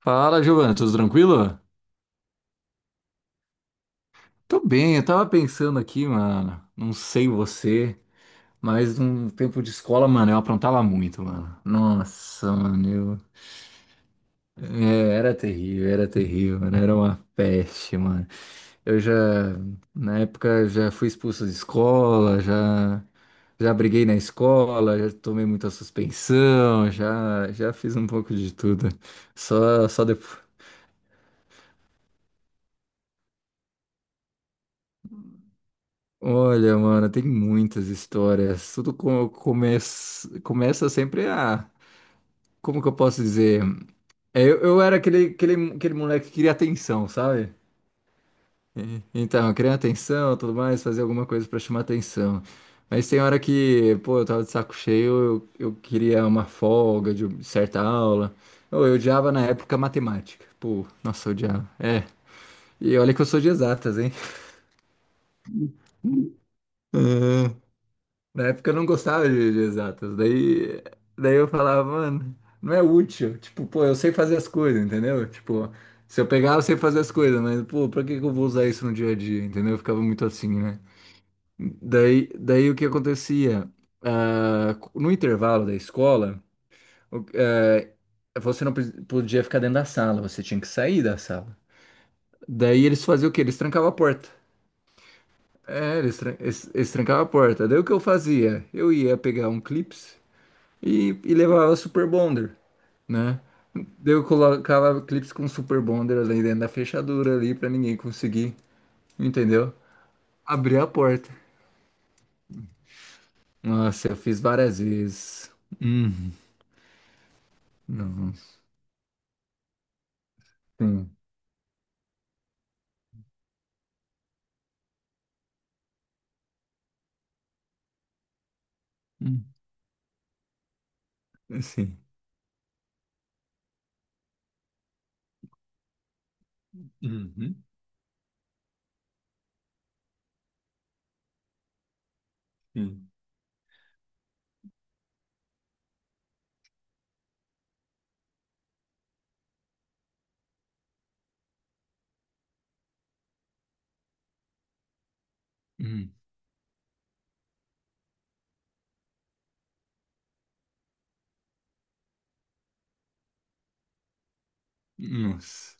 Fala, Giovana, tudo tranquilo? Tô bem, eu tava pensando aqui, mano. Não sei você, mas num tempo de escola, mano, eu aprontava muito, mano. Nossa, mano, eu. É, era terrível, mano. Era uma peste, mano. Eu já, na época, já fui expulso de escola, já, já briguei na escola, já tomei muita suspensão, já, já fiz um pouco de tudo. Só depois. Olha, mano, tem muitas histórias. Tudo começa sempre a. Como que eu posso dizer? É, eu era aquele moleque que queria atenção, sabe? Então, eu queria atenção, tudo mais, fazer alguma coisa pra chamar atenção. Mas tem hora que, pô, eu tava de saco cheio, eu queria uma folga de certa aula. Ou eu odiava na época matemática. Pô, nossa, eu odiava. É. E olha que eu sou de exatas, hein? Na época eu não gostava de exatas. Daí eu falava, mano, não é útil. Tipo, pô, eu sei fazer as coisas, entendeu? Tipo, se eu pegar, eu sei fazer as coisas, mas, pô, pra que que eu vou usar isso no dia a dia, entendeu? Eu ficava muito assim, né? Daí o que acontecia? Ah, no intervalo da escola, o- eh, você não podia ficar dentro da sala, você tinha que sair da sala. Daí eles faziam o quê? Eles trancavam a porta. É, eles trancavam a porta. Daí o que eu fazia? Eu ia pegar um clips e levava Super Bonder, né? Daí eu colocava clips com Super Bonder ali dentro da fechadura ali pra ninguém conseguir, entendeu? Abrir a porta. Nossa, eu fiz várias vezes. Uhum. Não, sim. Hum. Assim. Uhum. Sim. Hum. Nossa.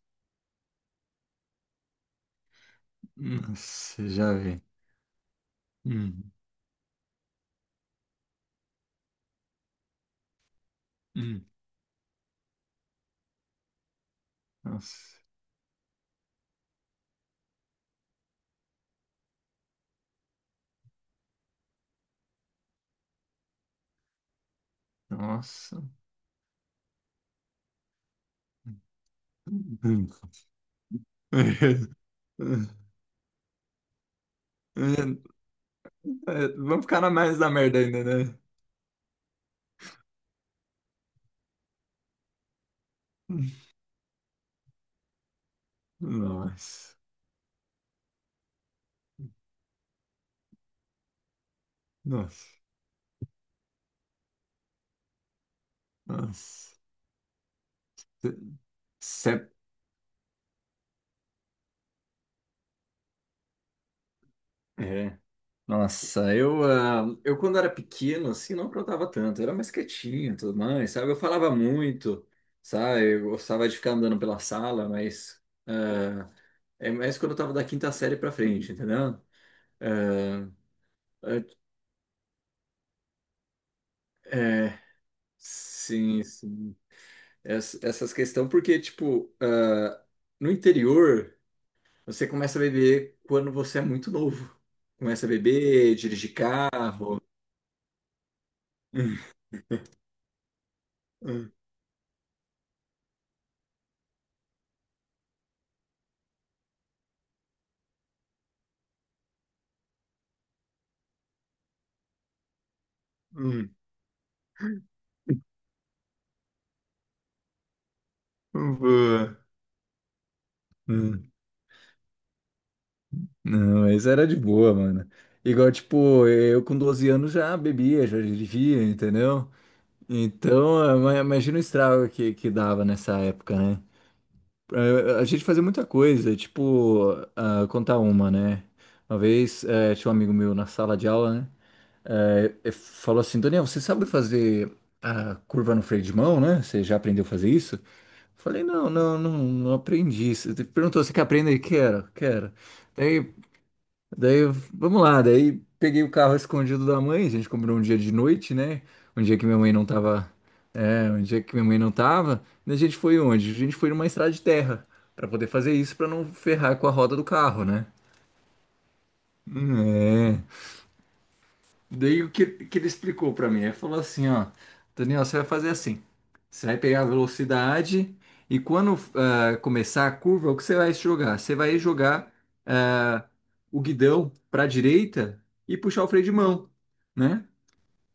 Nossa, já vi. Hum. Hum. Nossa. Nossa. Hum. É, vamos ficar na mais da merda ainda, né? Nossa, nossa, nossa. Se- É, nossa, eu quando era pequeno, assim, não aprontava tanto, eu era mais quietinho e tudo mais, sabe? Eu falava muito, sabe? Eu gostava de ficar andando pela sala, mas é mais quando eu tava da quinta série pra frente, entendeu? Ah, é, é, sim, sim. Essas questões, porque, tipo, no interior. Você começa a beber quando você é muito novo. Começa a beber, dirigir carro. Hum, hum, hum, Boa. Hum. Não, mas era de boa, mano. Igual, tipo, eu com 12 anos já bebia, já dirigia, entendeu? Então, imagina o estrago que dava nessa época, né? A gente fazia muita coisa, tipo, contar uma, né? Uma vez, tinha um amigo meu na sala de aula, né? É, é, falou assim, Daniel, você sabe fazer a curva no freio de mão, né? Você já aprendeu a fazer isso? Falei, não, não, não, não aprendi. Você perguntou, você quer aprender? Quero, quero. Daí, daí, vamos lá. Daí peguei o carro escondido da mãe, a gente comprou um dia de noite, né? Um dia que minha mãe não tava, é, um dia que minha mãe não tava. Daí a gente foi onde? A gente foi numa estrada de terra, pra poder fazer isso, pra não ferrar com a roda do carro, né? Hum. É. Daí o que, que ele explicou para mim? Ele falou assim, ó, Daniel, você vai fazer assim. Você vai pegar a velocidade e quando começar a curva, o que você vai jogar? Você vai jogar ah, o guidão para a direita e puxar o freio de mão, né?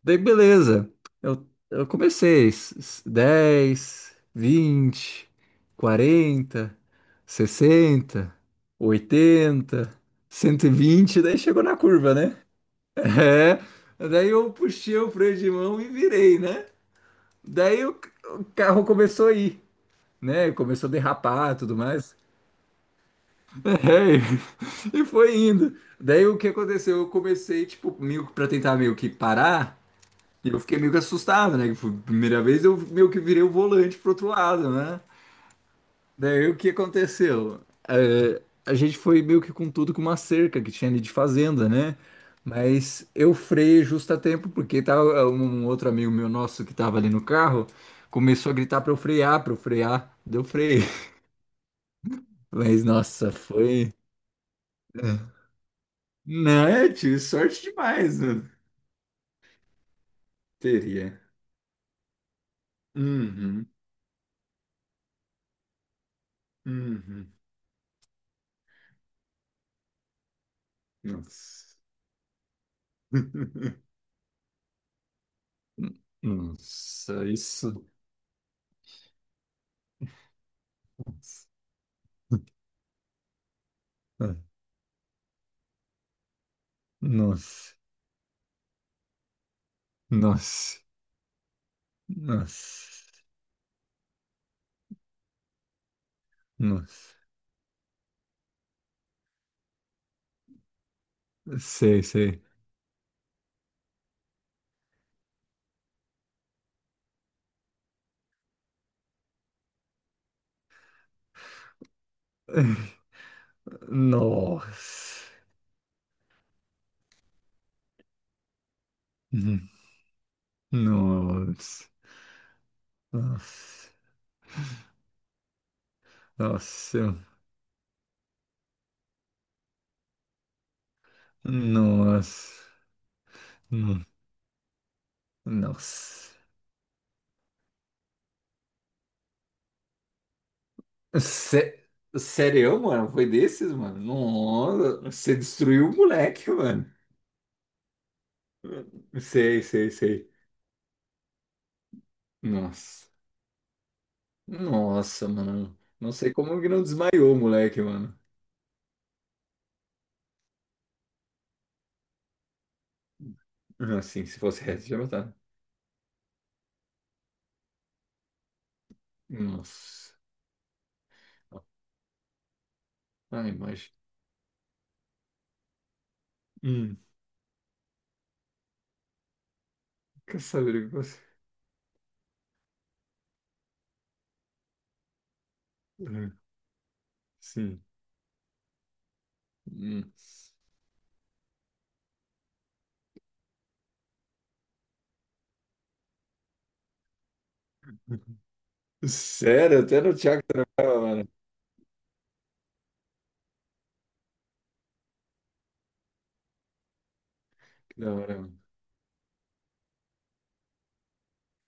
Daí beleza. Eu comecei 10, 20, 40, 60, 80, 120. Daí chegou na curva, né? É, daí eu puxei o freio de mão e virei, né? Daí o carro começou a ir, né? Começou a derrapar e tudo mais. É, e foi indo. Daí o que aconteceu? Eu comecei, tipo, meio que pra tentar meio que parar. E eu fiquei meio que assustado, né? Que foi a primeira vez eu meio que virei o volante pro outro lado, né? Daí o que aconteceu? Eh, a gente foi meio que com tudo com uma cerca que tinha ali de fazenda, né? Mas eu freiei justo a tempo, porque tava um outro amigo meu nosso que tava ali no carro começou a gritar pra eu frear, pra eu frear. Deu freio. Mas nossa, foi. Não, eu tive sorte demais, né? Teria. Uhum, uhum. Nossa. Nossa, isso. Nossa, nossa. Nossa. Nossa, nossa, sei, sei. Nossa. Hum. Nossa, nossa, nossa, nossa. Hum. Nossa. Sé- Sério, mano? Foi desses, mano? Nossa, você destruiu o moleque, mano. Sei, sei, sei. Nossa, nossa, mano. Não sei como que não desmaiou o moleque, mano. Assim, se fosse reto, já matava. Nossa. Ai, mas. Hum. Quer saber o que você. Ah, sim. Hum. Sério, até no Thiago trabalhava, mano. Que da hora, mano.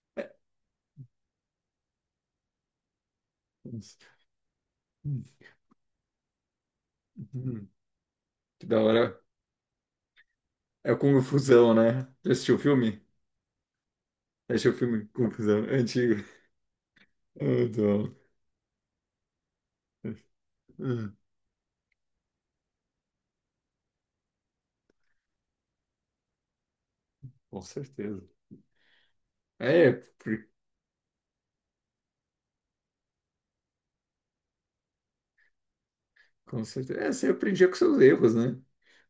É. Hum. Que da hora. É Confusão, né? Já assistiu o filme? Já assistiu o filme Confusão? É antigo. Ah, muito. Hum. Com certeza. É, por- com certeza. É, você aprendia com seus erros, né?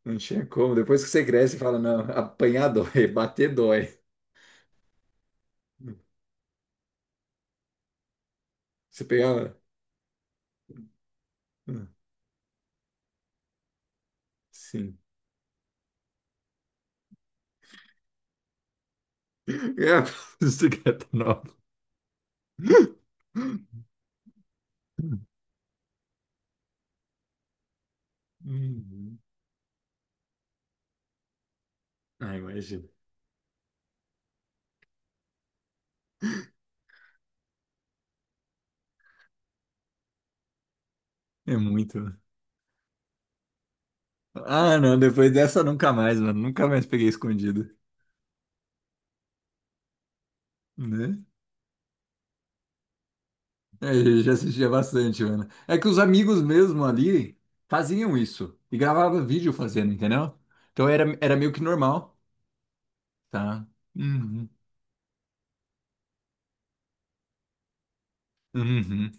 Não tinha como. Depois que você cresce, você fala, não, apanhar dói, bater dói. Você pegava? Hum. Sim. É, você quer tá na. Uhum. Ah, imagina. É muito. Ah, não, depois dessa nunca mais, mano. Nunca mais peguei escondido, né? É, eu já assistia bastante, mano. É que os amigos mesmo ali faziam isso e gravavam vídeo fazendo, entendeu? Então era meio que normal, tá? Uhum. Uhum.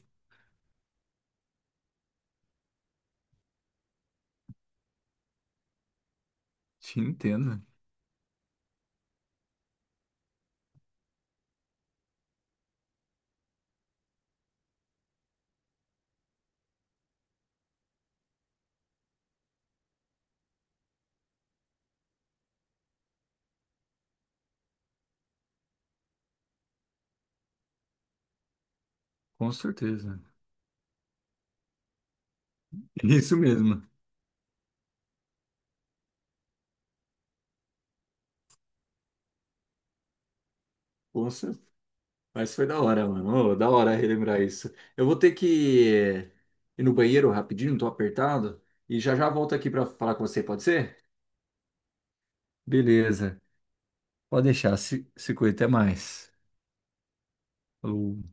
Te entendo, com certeza. Isso mesmo. Com certeza. Mas foi da hora, mano. Ô, da hora relembrar isso. Eu vou ter que ir no banheiro rapidinho, tô apertado. E já já volto aqui pra falar com você, pode ser? Beleza. Pode deixar. Se cuida. Até mais. Falou.